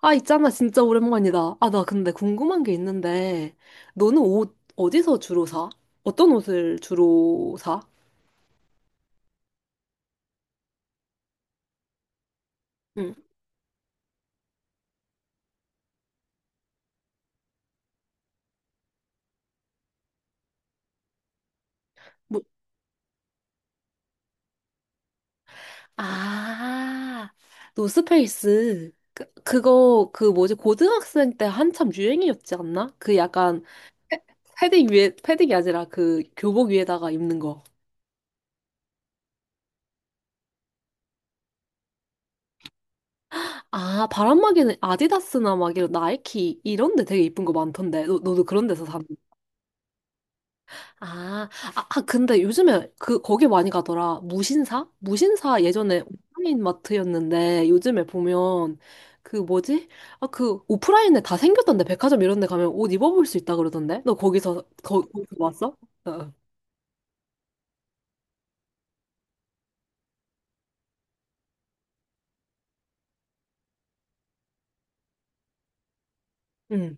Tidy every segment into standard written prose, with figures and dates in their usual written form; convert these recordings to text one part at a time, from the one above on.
아, 있잖아. 진짜 오랜만이다. 아, 나 근데 궁금한 게 있는데, 너는 옷 어디서 주로 사? 어떤 옷을 주로 사? 응. 뭐, 아, 노스페이스. 그 뭐지, 고등학생 때 한참 유행이었지 않나? 그 약간, 패- 패딩 위에, 패딩이 아니라 그 교복 위에다가 입는 거. 아, 바람막이는 아디다스나 막 이런 나이키 이런 데 되게 이쁜 거 많던데. 너도 그런 데서 사? 아, 아, 근데 요즘에 그, 거기 많이 가더라. 무신사? 무신사 예전에 오프라인 마트였는데 요즘에 보면 그 뭐지? 아, 그 오프라인에 다 생겼던데. 백화점 이런 데 가면 옷 입어볼 수 있다 그러던데. 너 거기서 왔어? 어, 어. 응.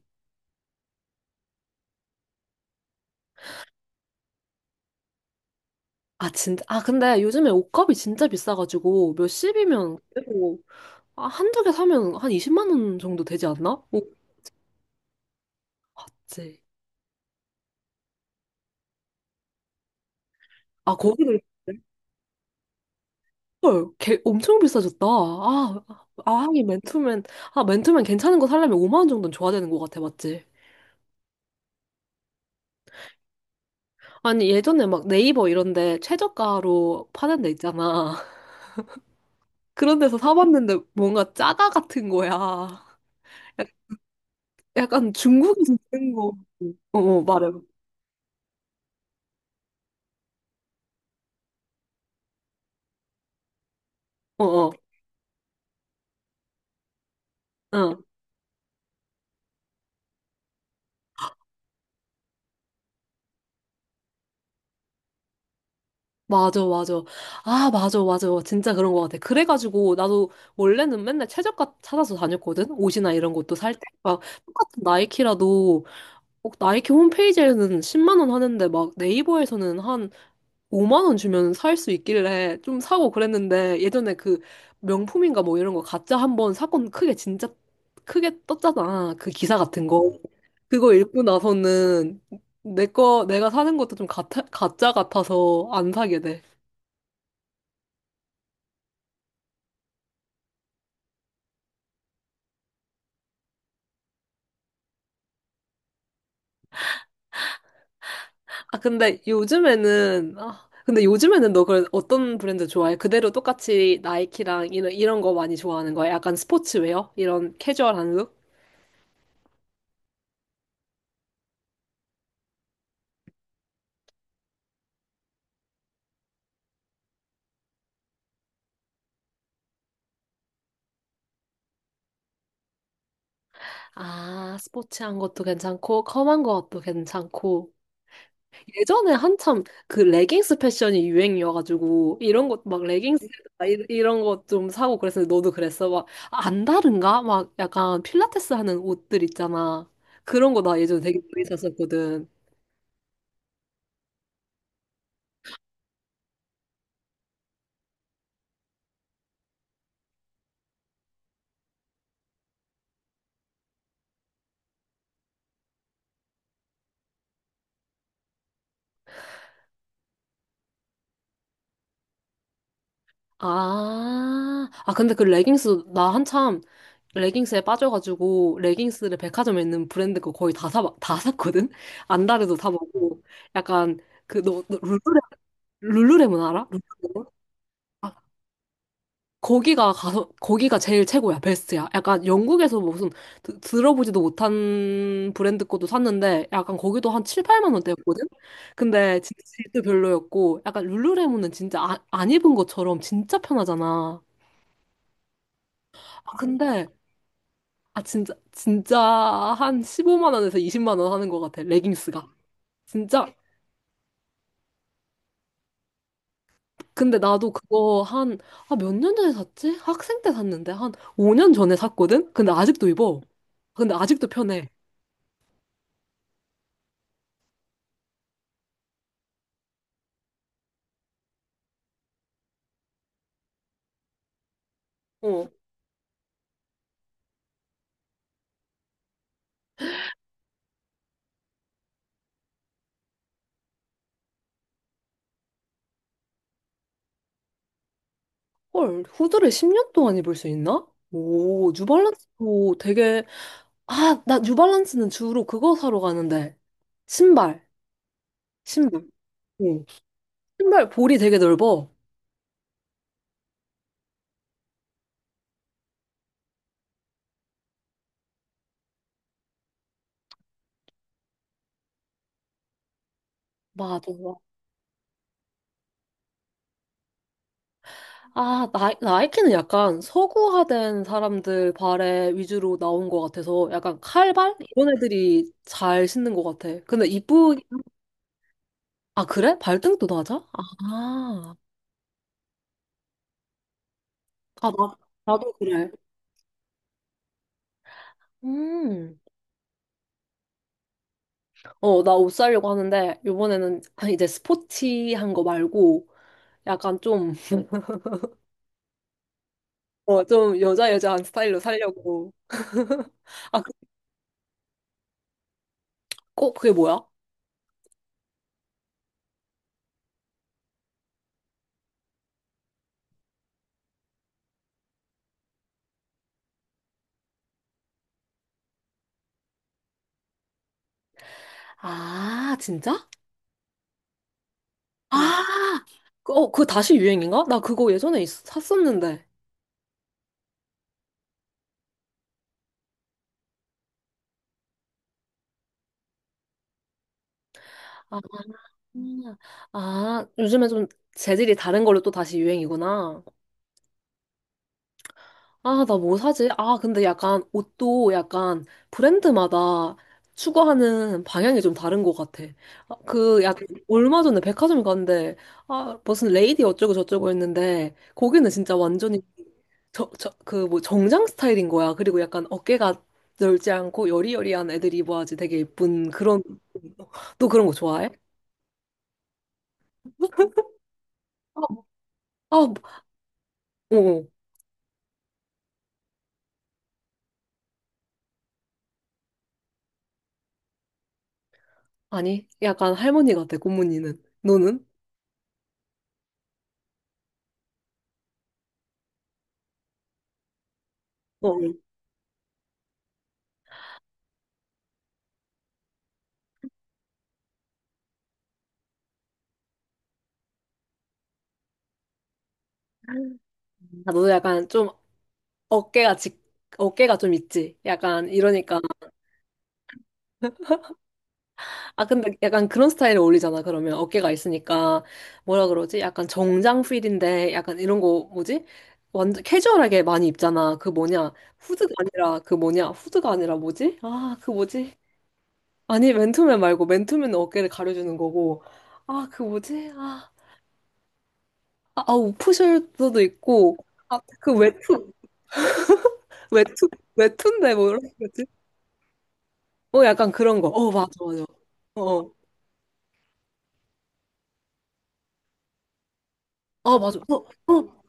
아, 진짜. 아, 근데 요즘에 옷값이 진짜 비싸가지고 몇십이면 그래도 아, 한두 개 사면 한 20만 원 정도 되지 않나? 오, 맞지. 아, 거기도 헐, 개, 엄청 비싸졌다. 아, 아, 하긴 맨투맨, 아, 맨투맨 괜찮은 거 사려면 5만 원 정도는 줘야 되는 것 같아, 맞지? 아니, 예전에 막 네이버 이런데 최저가로 파는 데 있잖아. 그런 데서 사봤는데 뭔가 짜가 같은 거야. 약간 중국에서 쓰는 거. 어, 어, 말해. 어, 어, 어. 맞아, 맞아. 아, 맞아, 맞아. 진짜 그런 것 같아. 그래가지고, 나도 원래는 맨날 최저가 찾아서 다녔거든? 옷이나 이런 것도 살 때. 막, 똑같은 나이키라도, 어, 나이키 홈페이지에는 10만 원 하는데 막 네이버에서는 한 5만 원 주면 살 수 있길래 좀 사고 그랬는데 예전에 그 명품인가 뭐 이런 거 가짜 한 번 사건 크게 진짜 크게 떴잖아. 그 기사 같은 거. 그거 읽고 나서는 내가 사는 것도 좀 가짜 같아서 안 사게 돼. 아, 근데 요즘에는 너 그 어떤 브랜드 좋아해? 그대로 똑같이 나이키랑 이런 거 많이 좋아하는 거야? 약간 스포츠웨어? 이런 캐주얼한 룩? 아, 스포츠한 것도 괜찮고, 컴한 것도 괜찮고. 예전에 한참 그 레깅스 패션이 유행이어가지고, 이런 것, 막 레깅스, 이런 것 좀 사고 그랬는데, 너도 그랬어? 막, 아, 안 다른가? 막 약간 필라테스 하는 옷들 있잖아. 그런 거 나 예전에 되게 많이 샀었거든. 아, 아, 근데 그 레깅스, 나 한참 레깅스에 빠져가지고, 레깅스를 백화점에 있는 브랜드 거 거의 다 샀거든? 안다르도 사보고, 약간, 그, 너 룰루레몬 알아? 룰루레몬? 아, 거기가 가서 거기가 제일 최고야, 베스트야. 약간 영국에서 무슨 들어보지도 못한 브랜드 것도 샀는데 약간 거기도 한 7, 8만 원대였거든. 근데 진짜 질도 별로였고 약간 룰루레몬은 진짜 아, 안 입은 것처럼 진짜 편하잖아. 아, 근데 아 진짜 진짜 한 15만 원에서 20만 원 하는 것 같아. 레깅스가. 진짜 근데 나도 그거 한, 아, 몇 년 전에 샀지? 학생 때 샀는데 한 5년 전에 샀거든? 근데 아직도 입어. 근데 아직도 편해. 어. 헐, 후드를 10년 동안 입을 수 있나? 오, 뉴발란스도 되게, 아, 나 뉴발란스는 주로 그거 사러 가는데. 신발, 신발. 어. 신발 볼이 되게 넓어. 맞아. 아, 나이키는 약간 서구화된 사람들 발에 위주로 나온 것 같아서 약간 칼발? 이런 애들이 잘 신는 것 같아. 근데 이쁘, 아, 그래? 발등도 낮아? 아, 아, 나도 그래. 음. 어, 나 옷 사려고 하는데, 요번에는 아, 이제 스포티한 거 말고, 약간 좀, 어, 좀 여자 여자한 스타일로 사려고. 아, 그, 어, 그게 뭐야? 아, 진짜? 아, 그, 어, 그거 다시 유행인가? 나 그거 예전에 샀었는데. 아, 음. 아, 요즘에 좀 재질이 다른 걸로 또 다시 유행이구나. 아, 나 뭐 사지? 아, 근데 약간 옷도 약간 브랜드마다 추구하는 방향이 좀 다른 것 같아. 아, 그 약간 얼마 전에 백화점 갔는데, 아, 무슨 레이디 어쩌고 저쩌고 했는데, 거기는 진짜 완전히 그 뭐 정장 스타일인 거야. 그리고 약간 어깨가 넓지 않고 여리여리한 애들이 입어야지 되게 예쁜 그런, 너 그런 거 좋아해? 아, 아, 뭐, 어. 어. 아니, 약간 할머니 같아, 고모늬는 너는? 어. 어. 아, 너도 약간 좀 어깨가 직, 어깨가 좀 있지. 약간 이러니까. 아, 근데 약간 그런 스타일에 어울리잖아, 그러면. 어깨가 있으니까. 뭐라 그러지? 약간 정장 필인데, 약간 이런 거, 뭐지? 완전 캐주얼하게 많이 입잖아. 그 뭐냐. 후드가 아니라, 그 뭐냐. 후드가 아니라 뭐지? 아, 그 뭐지? 아니, 맨투맨 말고, 맨투맨은 어깨를 가려주는 거고. 아, 그 뭐지? 아, 우프숄더도 있고. 아, 그 외투, 웹툰, 웹툰데 뭐라고 거지 어, 약간 그런 거. 어, 맞아, 맞아. 어, 어. 아, 맞아. 어, 어,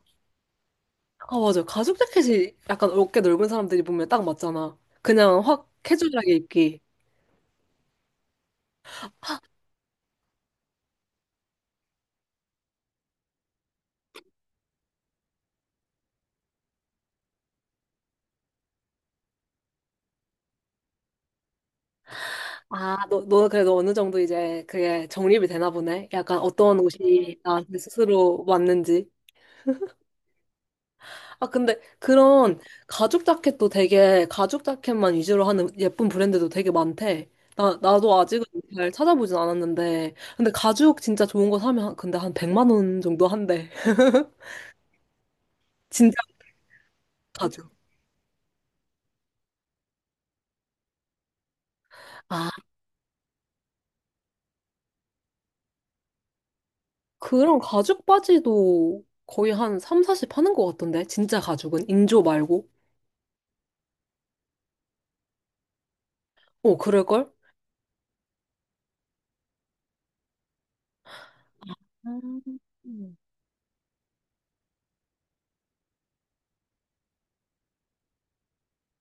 아, 맞아. 가죽 자켓이 약간 어깨 넓은 사람들이 보면 딱 맞잖아. 그냥 확 캐주얼하게 입기. 너 그래도 어느 정도 이제 그게 정립이 되나 보네. 약간 어떤 옷이 나한테 스스로 맞는지. 아, 근데 그런 가죽 자켓도 되게 가죽 자켓만 위주로 하는 예쁜 브랜드도 되게 많대. 나도 아직은 잘 찾아보진 않았는데. 근데 가죽 진짜 좋은 거 사면 근데 한 100만 원 정도 한대. 진짜 가죽. 아, 그런 가죽 바지도 거의 한 3, 40 하는 것 같던데. 진짜 가죽은. 인조 말고. 어, 그럴걸? 음.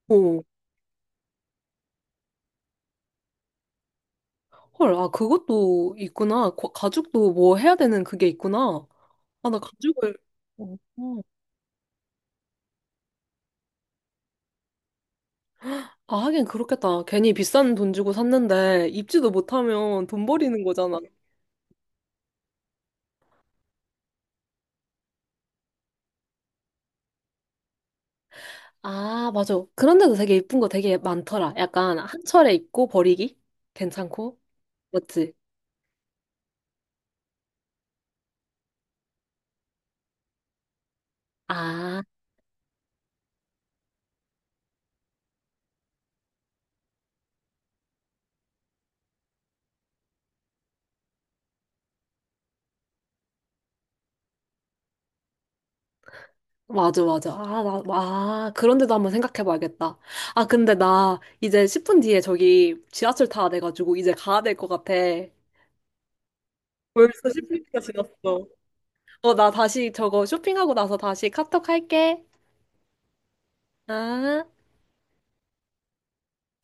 오, 헐, 아, 그것도 있구나. 가죽도 뭐 해야 되는 그게 있구나. 아, 나 가죽을, 음. 아, 하긴 그렇겠다. 괜히 비싼 돈 주고 샀는데 입지도 못하면 돈 버리는 거잖아. 아, 맞아. 그런데도 되게 예쁜 거 되게 많더라. 약간 한 철에 입고 버리기? 괜찮고? 맞지? 아, 맞아, 맞아. 아, 나, 아, 그런데도 한번 생각해 봐야겠다. 아, 근데 나 이제 10분 뒤에 저기 지하철 타야 돼가지고 이제 가야 될 것 같아. 벌써 10분이나 지났어. 어, 나 다시 저거 쇼핑하고 나서 다시 카톡 할게. 아.